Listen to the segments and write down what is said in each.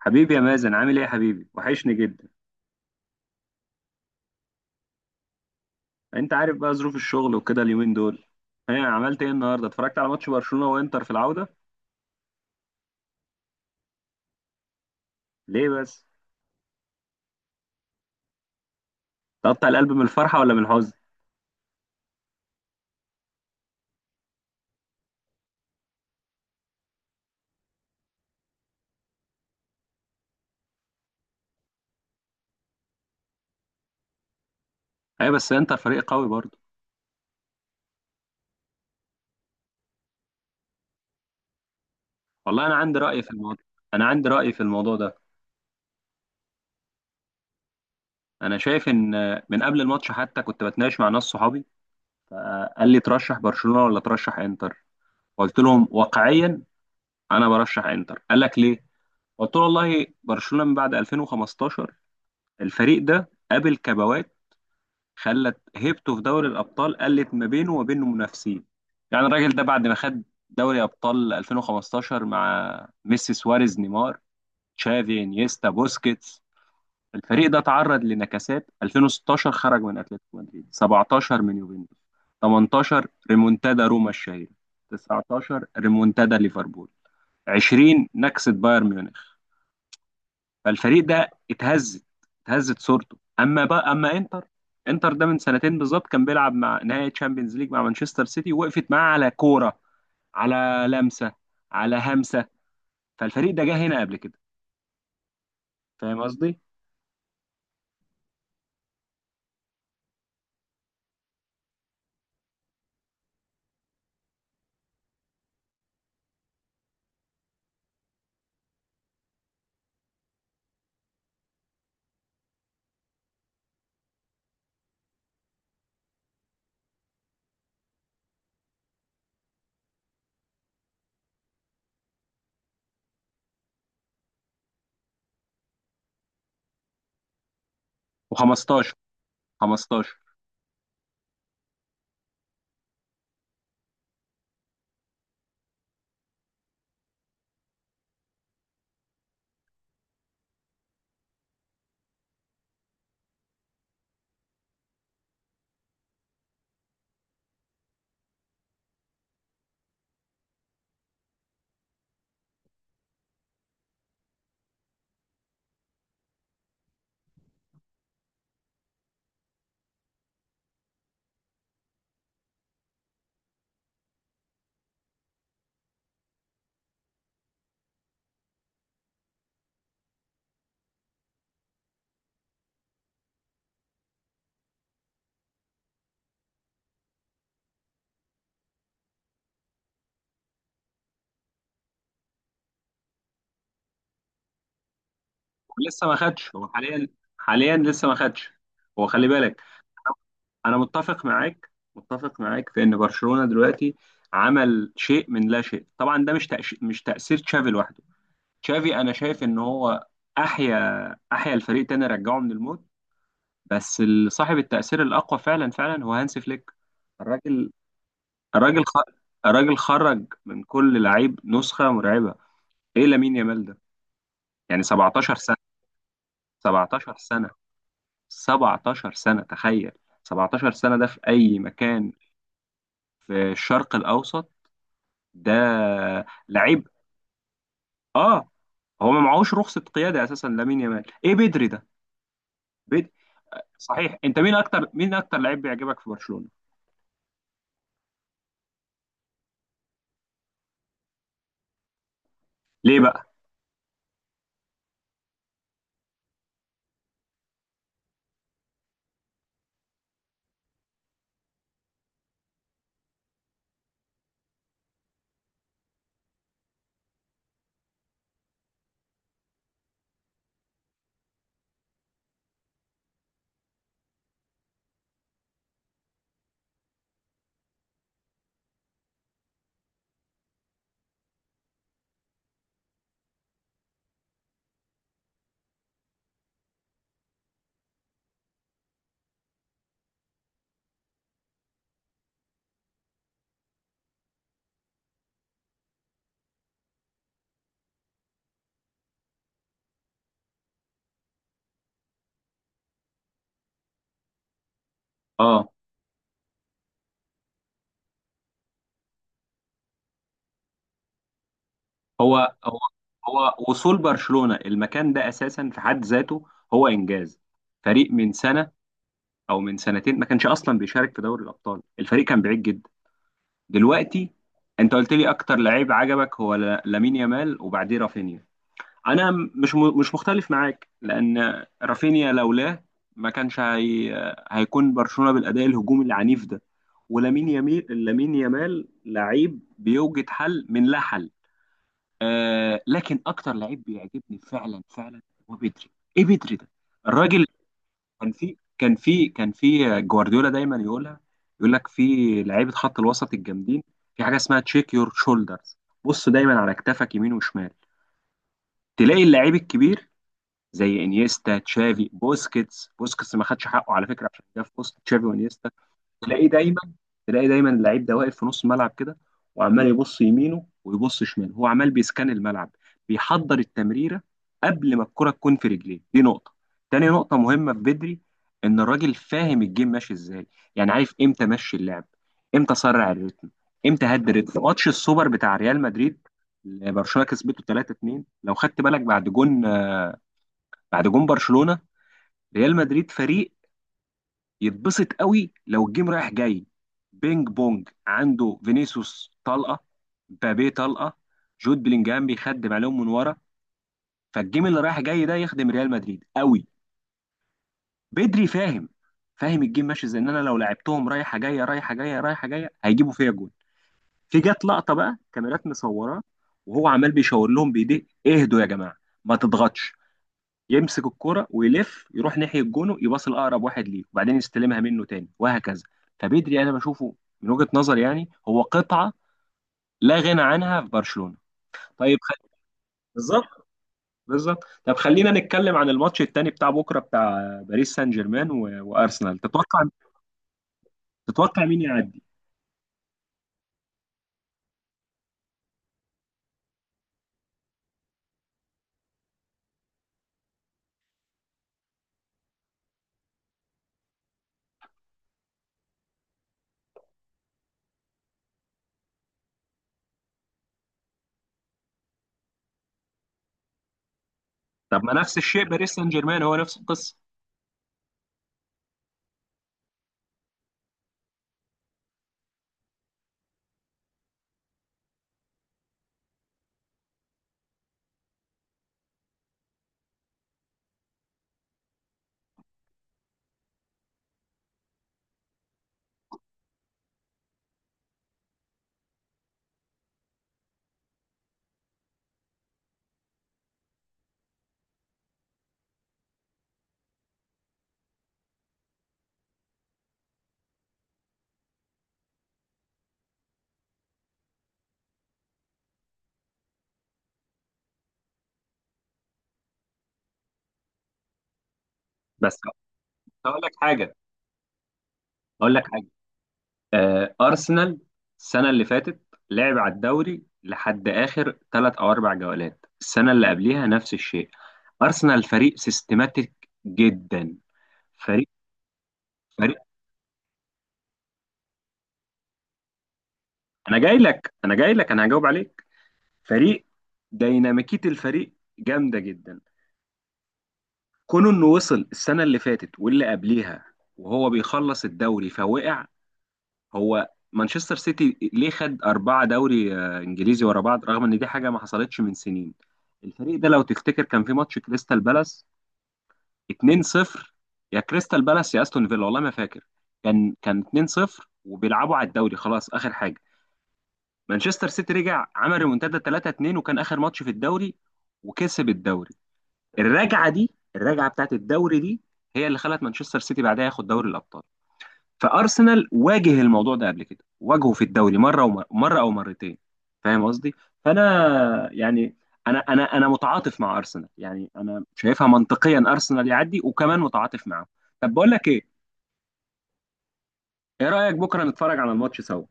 حبيبي يا مازن، عامل ايه يا حبيبي؟ وحشني جدا. انت عارف بقى ظروف الشغل وكده اليومين دول. عملت ايه النهارده؟ اتفرجت على ماتش برشلونة وانتر في العودة. ليه بس؟ تقطع القلب من الفرحة ولا من الحزن؟ ايوه، بس انتر فريق قوي برضه. والله انا عندي رأي في الموضوع. انا عندي رأي في الموضوع ده. انا شايف ان من قبل الماتش حتى كنت بتناقش مع ناس صحابي. قال لي ترشح برشلونة ولا ترشح انتر؟ قلت لهم واقعيا انا برشح انتر. قال لك ليه؟ قلت له والله برشلونة من بعد 2015 الفريق ده قابل كبوات، خلت هيبته في دوري الابطال، قلت ما بينه وما بين منافسين. يعني الراجل ده بعد ما خد دوري ابطال 2015 مع ميسي سواريز نيمار تشافي انيستا بوسكيتس، الفريق ده تعرض لنكسات. 2016 خرج من اتلتيكو مدريد، 17 من يوفنتوس، 18 ريمونتادا روما الشهيرة، 19 ريمونتادا ليفربول، 20 نكسة بايرن ميونخ. فالفريق ده اتهزت صورته. اما بقى اما انتر، انتر ده من سنتين بالظبط كان بيلعب مع نهائي تشامبيونز ليج مع مانشستر سيتي، ووقفت معاه على كوره، على لمسه، على همسه. فالفريق ده جه هنا قبل كده. فاهم قصدي؟ و15. 15. ولسه ما خدش هو حاليا. حاليا لسه ما خدش. هو خلي بالك، انا متفق معاك، متفق معاك في ان برشلونة دلوقتي عمل شيء من لا شيء. طبعا ده مش تأثير تشافي لوحده. تشافي انا شايف ان هو احيا أحيا الفريق تاني، رجعه من الموت. بس صاحب التأثير الأقوى فعلا فعلا هو هانس فليك. الراجل، الراجل خ... الراجل خرج من كل لعيب نسخة مرعبة. إيه لامين يامال ده؟ يعني 17 سنة. 17 سنة. 17 سنة، تخيل. 17 سنة ده في أي مكان في الشرق الأوسط. ده لعيب. آه. هو ما معهوش رخصة قيادة أساسا لامين يامال. إيه بدري ده؟ بدري. صحيح أنت مين أكتر لعيب بيعجبك في برشلونة؟ ليه بقى؟ اه هو وصول برشلونة المكان ده اساسا في حد ذاته هو انجاز. فريق من سنة او من سنتين ما كانش اصلا بيشارك في دوري الابطال، الفريق كان بعيد جدا. دلوقتي انت قلت لي اكتر لعيب عجبك هو لامين يامال وبعديه رافينيا. انا مش مختلف معاك لان رافينيا لولاه ما كانش هي... هيكون برشلونة بالاداء الهجومي العنيف ده. ولامين يامال، لامين يامال لعيب بيوجد حل من لا حل. لكن اكتر لعيب بيعجبني فعلا فعلا هو بدري. ايه بدري ده؟ الراجل. كان في جوارديولا دايما يقولها. يقول لك في لعيبه خط الوسط الجامدين في حاجه اسمها تشيك يور شولدرز. بص دايما على كتافك يمين وشمال، تلاقي اللعيب الكبير زي انيستا تشافي بوسكيتس. بوسكيتس ما خدش حقه على فكره عشان جه في وسط تشافي وانيستا. تلاقيه دايما تلاقي دايما اللعيب ده واقف في نص الملعب كده، وعمال يبص يمينه ويبص شماله. هو عمال بيسكان الملعب، بيحضر التمريره قبل ما الكره تكون في رجليه. دي نقطه. تاني نقطه مهمه في بدري، ان الراجل فاهم الجيم ماشي ازاي. يعني عارف امتى مشي اللعب، امتى سرع الريتم، امتى هدي الريتم. ماتش السوبر بتاع ريال مدريد اللي برشلونه كسبته 3-2، لو خدت بالك بعد جون، بعد جون برشلونه، ريال مدريد فريق يتبسط قوي لو الجيم رايح جاي، بينج بونج، عنده فينيسيوس طلقه، مبابي طلقه، جود بلينجهام بيخدم عليهم من ورا. فالجيم اللي رايح جاي ده يخدم ريال مدريد قوي. بدري فاهم، فاهم الجيم ماشي ازاي، ان انا لو لعبتهم رايحه جايه رايحه جايه رايحه جايه هيجيبوا فيا جون. في جت لقطه بقى كاميرات مصوراه وهو عمال بيشاور لهم بايديه: اهدوا يا جماعه، ما تضغطش. يمسك الكرة ويلف يروح ناحية جونه، يباص لأقرب واحد ليه، وبعدين يستلمها منه تاني، وهكذا. فبدري أنا بشوفه من وجهة نظري يعني هو قطعة لا غنى عنها في برشلونة. طيب خ... بالظبط، بالظبط. طب خلينا نتكلم عن الماتش التاني بتاع بكرة بتاع باريس سان جيرمان وأرسنال. تتوقع، تتوقع مين يعدي؟ طب ما نفس الشيء باريس سان جيرمان هو نفس القصة؟ بس هقول لك حاجة، هقول لك حاجة. أرسنال السنة اللي فاتت لعب على الدوري لحد آخر 3 أو 4 جولات، السنة اللي قبليها نفس الشيء. أرسنال فريق سيستماتيك جدا. فريق، فريق. أنا جاي لك، أنا جاي لك، أنا هجاوب عليك. فريق ديناميكية الفريق جامدة جدا. كونه إنه وصل السنة اللي فاتت واللي قبليها وهو بيخلص الدوري فوقع. هو مانشستر سيتي ليه خد 4 دوري إنجليزي ورا بعض رغم إن دي حاجة ما حصلتش من سنين؟ الفريق ده لو تفتكر كان في ماتش كريستال بالاس 2-0، يا كريستال بالاس يا أستون فيلا والله ما فاكر، كان 2-0 وبيلعبوا على الدوري خلاص آخر حاجة. مانشستر سيتي رجع عمل ريمونتادا 3-2 وكان آخر ماتش في الدوري وكسب الدوري. الرجعة دي، الرجعة بتاعت الدوري دي، هي اللي خلت مانشستر سيتي بعدها ياخد دوري الأبطال. فارسنال واجه الموضوع ده قبل كده، واجهه في الدوري مره ومره، مره او مرتين. فاهم قصدي؟ فانا يعني انا متعاطف مع ارسنال، يعني انا شايفها منطقيا ارسنال يعدي، وكمان متعاطف معاه. طب بقول لك ايه؟ ايه رايك بكره نتفرج على الماتش سوا؟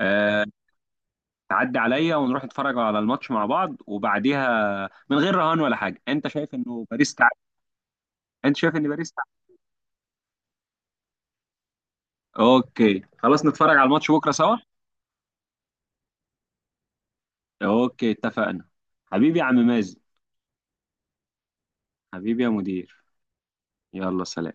أه، تعدي عليا ونروح نتفرج على الماتش مع بعض، وبعديها من غير رهان ولا حاجه. انت شايف انه باريس تعدي؟ انت شايف ان باريس تعدي؟ اوكي خلاص، نتفرج على الماتش بكره سوا. اوكي اتفقنا. حبيبي يا عم مازن. حبيبي يا مدير. يلا سلام.